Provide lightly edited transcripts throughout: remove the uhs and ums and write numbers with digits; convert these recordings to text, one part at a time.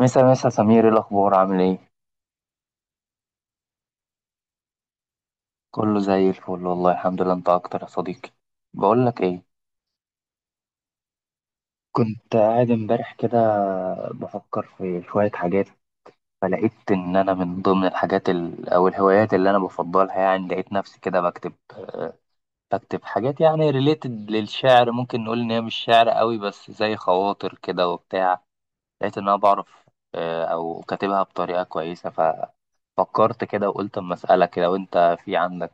مسا مسا سمير، ايه الاخبار؟ عامل ايه؟ كله زي الفل والله الحمد لله. انت اكتر يا صديقي. بقول لك ايه، كنت قاعد امبارح كده بفكر في شوية حاجات، فلقيت ان انا من ضمن الحاجات او الهوايات اللي انا بفضلها، يعني لقيت نفسي كده بكتب حاجات يعني ريليتد للشعر، ممكن نقول ان هي مش شعر قوي بس زي خواطر كده وبتاع. لقيت ان انا بعرف، او كاتبها بطريقة كويسة. فكرت كده وقلت اما اسالك، لو انت في عندك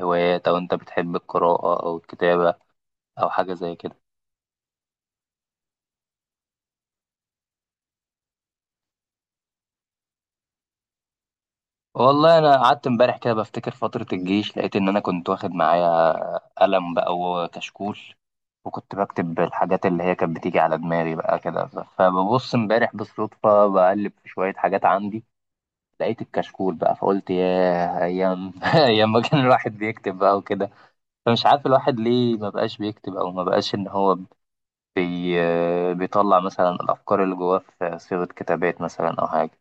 هوايات، او انت بتحب القراءه او الكتابه، او حاجه زي كده. والله انا قعدت امبارح كده بفتكر فتره الجيش، لقيت ان انا كنت واخد معايا قلم بقى وكشكول، وكنت بكتب الحاجات اللي هي كانت بتيجي على دماغي بقى كده. فببص امبارح بالصدفه بقلب في شويه حاجات عندي، لقيت الكشكول بقى. فقلت ياه، ايام ايام ما كان الواحد بيكتب بقى وكده. فمش عارف الواحد ليه ما بقاش بيكتب، او ما بقاش ان هو بي... بيطلع مثلا الأفكار اللي جواه في صيغة كتابات مثلا أو حاجة.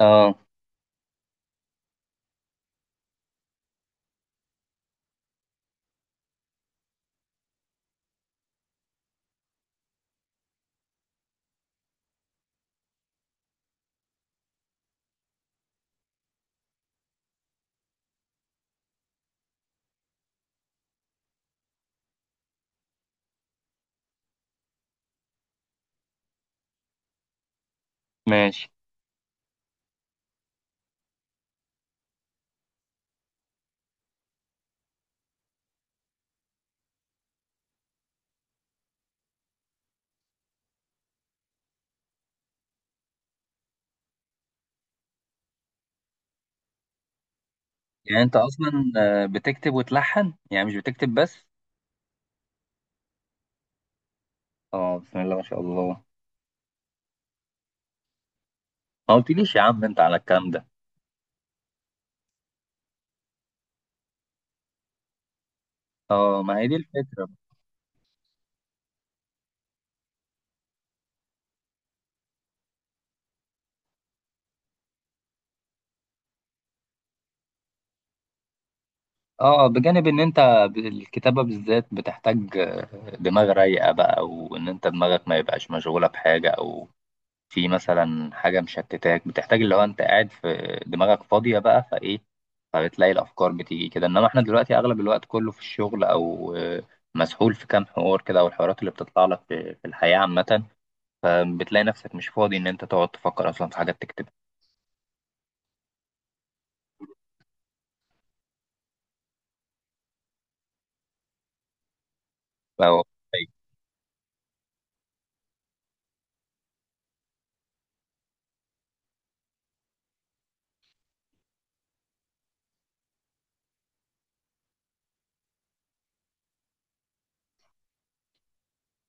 اه ماشي. يعني انت اصلا، بتكتب وتلحن يعني، مش بتكتب بس؟ اه بسم الله ما شاء الله. ما قلتليش يا عم انت على الكلام ده. اه ما هي دي الفكرة. اه بجانب ان انت، الكتابة بالذات بتحتاج دماغ رايقة بقى، وان انت دماغك ما يبقاش مشغولة بحاجة، او في مثلا حاجة مشتتاك. بتحتاج اللي هو انت قاعد، في دماغك فاضية بقى فايه، فبتلاقي الأفكار بتيجي كده. انما احنا دلوقتي أغلب الوقت كله في الشغل، أو مسحول في كام حوار كده، أو الحوارات اللي بتطلع لك في الحياة عامة. فبتلاقي نفسك مش فاضي إن أنت تقعد تفكر أصلا في حاجات تكتبها. فهو- طيب.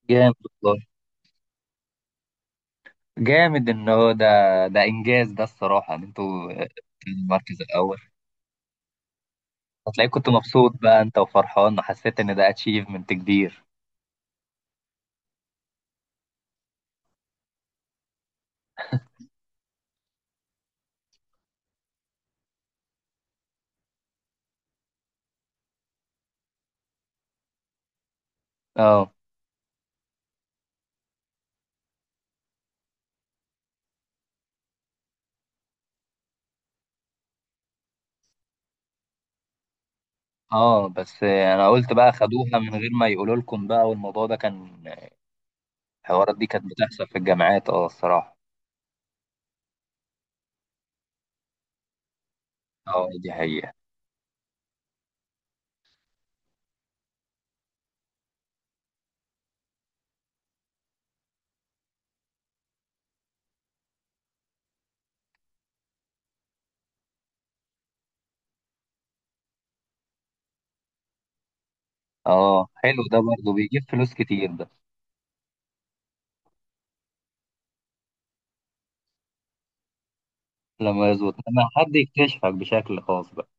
جامد والله. جامد إن هو ده، ده إنجاز ده الصراحة، إن أنتوا في المركز الأول. هتلاقيك كنت مبسوط بقى أنت وفرحان، وحسيت إن ده أتشيفمنت كبير. اه اه. بس انا قلت بقى خدوها من غير ما يقولوا لكم بقى، والموضوع ده كان، الحوارات دي كانت بتحصل في الجامعات. اه الصراحه. اه دي حقيقه. اه حلو، ده برضه بيجيب فلوس كتير ده. لما يظبط، لما حد يكتشفك بشكل خاص بقى.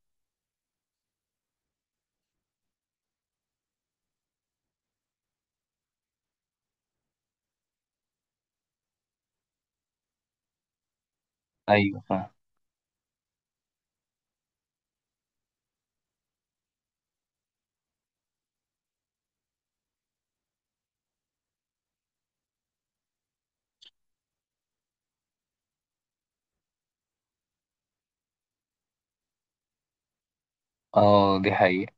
ايوه فاهم. اه دي حقيقه.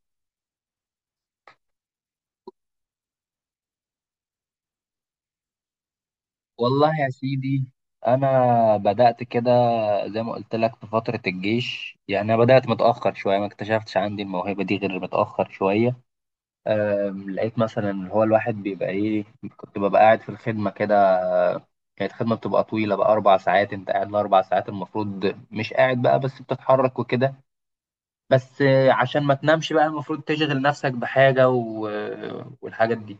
والله يا سيدي، انا بدات كده زي ما قلت لك في فتره الجيش. يعني انا بدات متاخر شويه، ما اكتشفتش عندي الموهبه دي غير متاخر شويه. لقيت مثلا اللي هو الواحد بيبقى ايه، كنت ببقى قاعد في الخدمة كده. كانت خدمة بتبقى طويلة بقى، 4 ساعات. أنت قاعد ال 4 ساعات، المفروض مش قاعد بقى بس بتتحرك وكده. بس عشان ما تنامش بقى المفروض تشغل نفسك بحاجة، و... آه، والحاجات دي.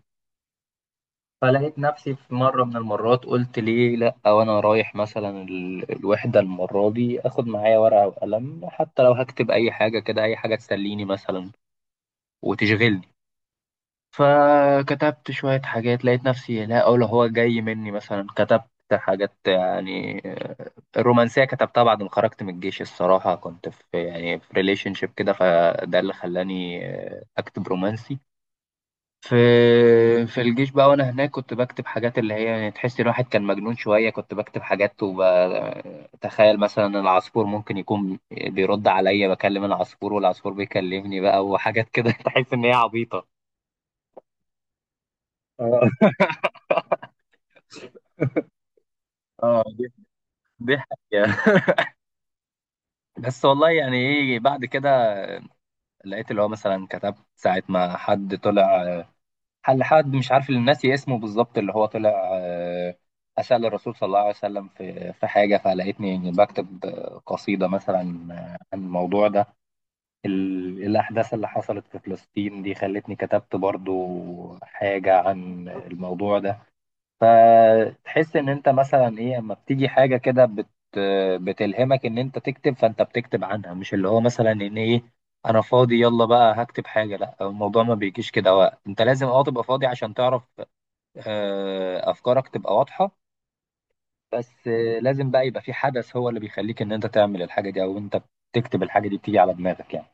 فلقيت نفسي في مرة من المرات، قلت ليه لأ، وأنا رايح مثلا الوحدة المرة دي آخد معايا ورقة وقلم، حتى لو هكتب أي حاجة كده، أي حاجة تسليني مثلا وتشغلني. فكتبت شوية حاجات، لقيت نفسي، لا أقول هو جاي مني. مثلا كتبت حاجات يعني، الرومانسية كتبتها بعد ما خرجت من الجيش الصراحة. كنت في يعني في ريليشن شيب كده، فده اللي خلاني أكتب رومانسي. في الجيش بقى، وأنا هناك كنت بكتب حاجات اللي هي يعني، تحس الواحد كان مجنون شوية. كنت بكتب حاجات وبتخيل مثلا العصفور ممكن يكون بيرد عليا، بكلم العصفور والعصفور بيكلمني بقى، وحاجات كده تحس إن هي عبيطة. اه اه دي حقيقة. بس والله يعني ايه بعد كده، لقيت اللي هو مثلا كتبت ساعة ما حد طلع، حل حد مش عارف اللي ناسي اسمه بالظبط، اللي هو طلع أسأل الرسول صلى الله عليه وسلم في حاجة. فلقيتني بكتب قصيدة مثلا عن الموضوع ده. الأحداث اللي حصلت في فلسطين دي خلتني كتبت برضو حاجة عن الموضوع ده. فتحس ان انت مثلا ايه، اما بتيجي حاجه كده بتلهمك ان انت تكتب، فانت بتكتب عنها، مش اللي هو مثلا ان ايه، انا فاضي يلا بقى هكتب حاجه. لا الموضوع ما بيجيش كده وقت. انت لازم اه تبقى فاضي عشان تعرف، افكارك تبقى واضحه. بس لازم بقى يبقى في حدث هو اللي بيخليك ان انت تعمل الحاجه دي، او انت بتكتب الحاجه دي بتيجي على دماغك يعني.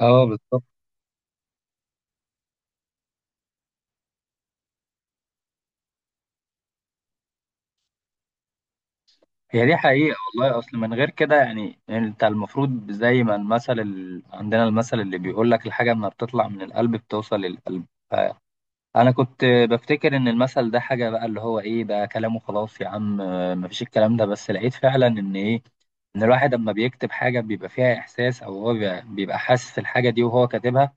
اه بالظبط. هي دي حقيقة والله. أصل من غير كده يعني، أنت المفروض زي ما المثل عندنا، المثل اللي بيقول لك الحاجة ما بتطلع من القلب بتوصل للقلب. فأنا كنت بفتكر إن المثل ده حاجة بقى اللي هو إيه ده كلامه، خلاص يا عم مفيش الكلام ده. بس لقيت فعلا إن إيه، إن الواحد لما بيكتب حاجة بيبقى فيها إحساس، أو هو بيبقى حاسس الحاجة دي وهو كاتبها.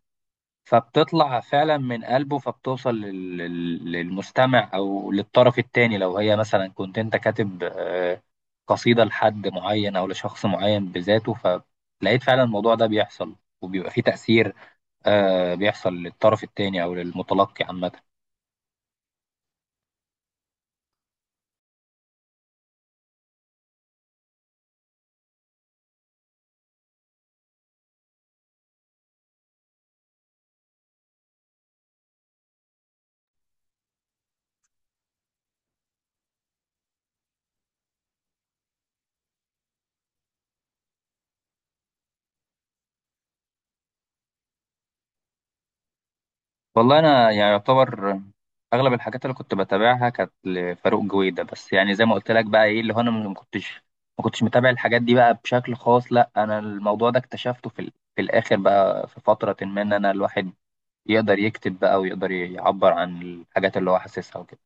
فبتطلع فعلا من قلبه، فبتوصل للمستمع او للطرف التاني. لو هي مثلا كنت انت كاتب قصيدة لحد معين او لشخص معين بذاته، فلقيت فعلا الموضوع ده بيحصل وبيبقى فيه تأثير بيحصل للطرف التاني او للمتلقي عامة. والله انا يعني يعتبر اغلب الحاجات اللي كنت بتابعها كانت لفاروق جويدة بس. يعني زي ما قلت لك بقى ايه اللي هو، انا ما كنتش متابع الحاجات دي بقى بشكل خاص، لا انا الموضوع ده اكتشفته في في الاخر بقى، في فترة ما ان انا الواحد يقدر يكتب بقى ويقدر يعبر عن الحاجات اللي هو حاسسها وكده.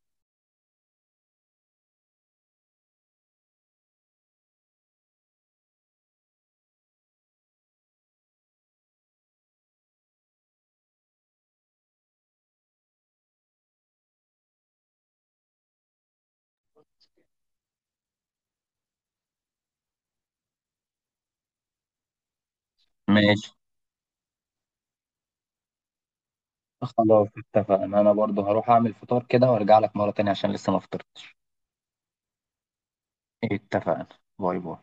ماشي. خلاص اتفقنا، انا برضه هروح اعمل فطار كده وارجع لك مرة تانية عشان لسه ما فطرتش. اتفقنا. باي باي.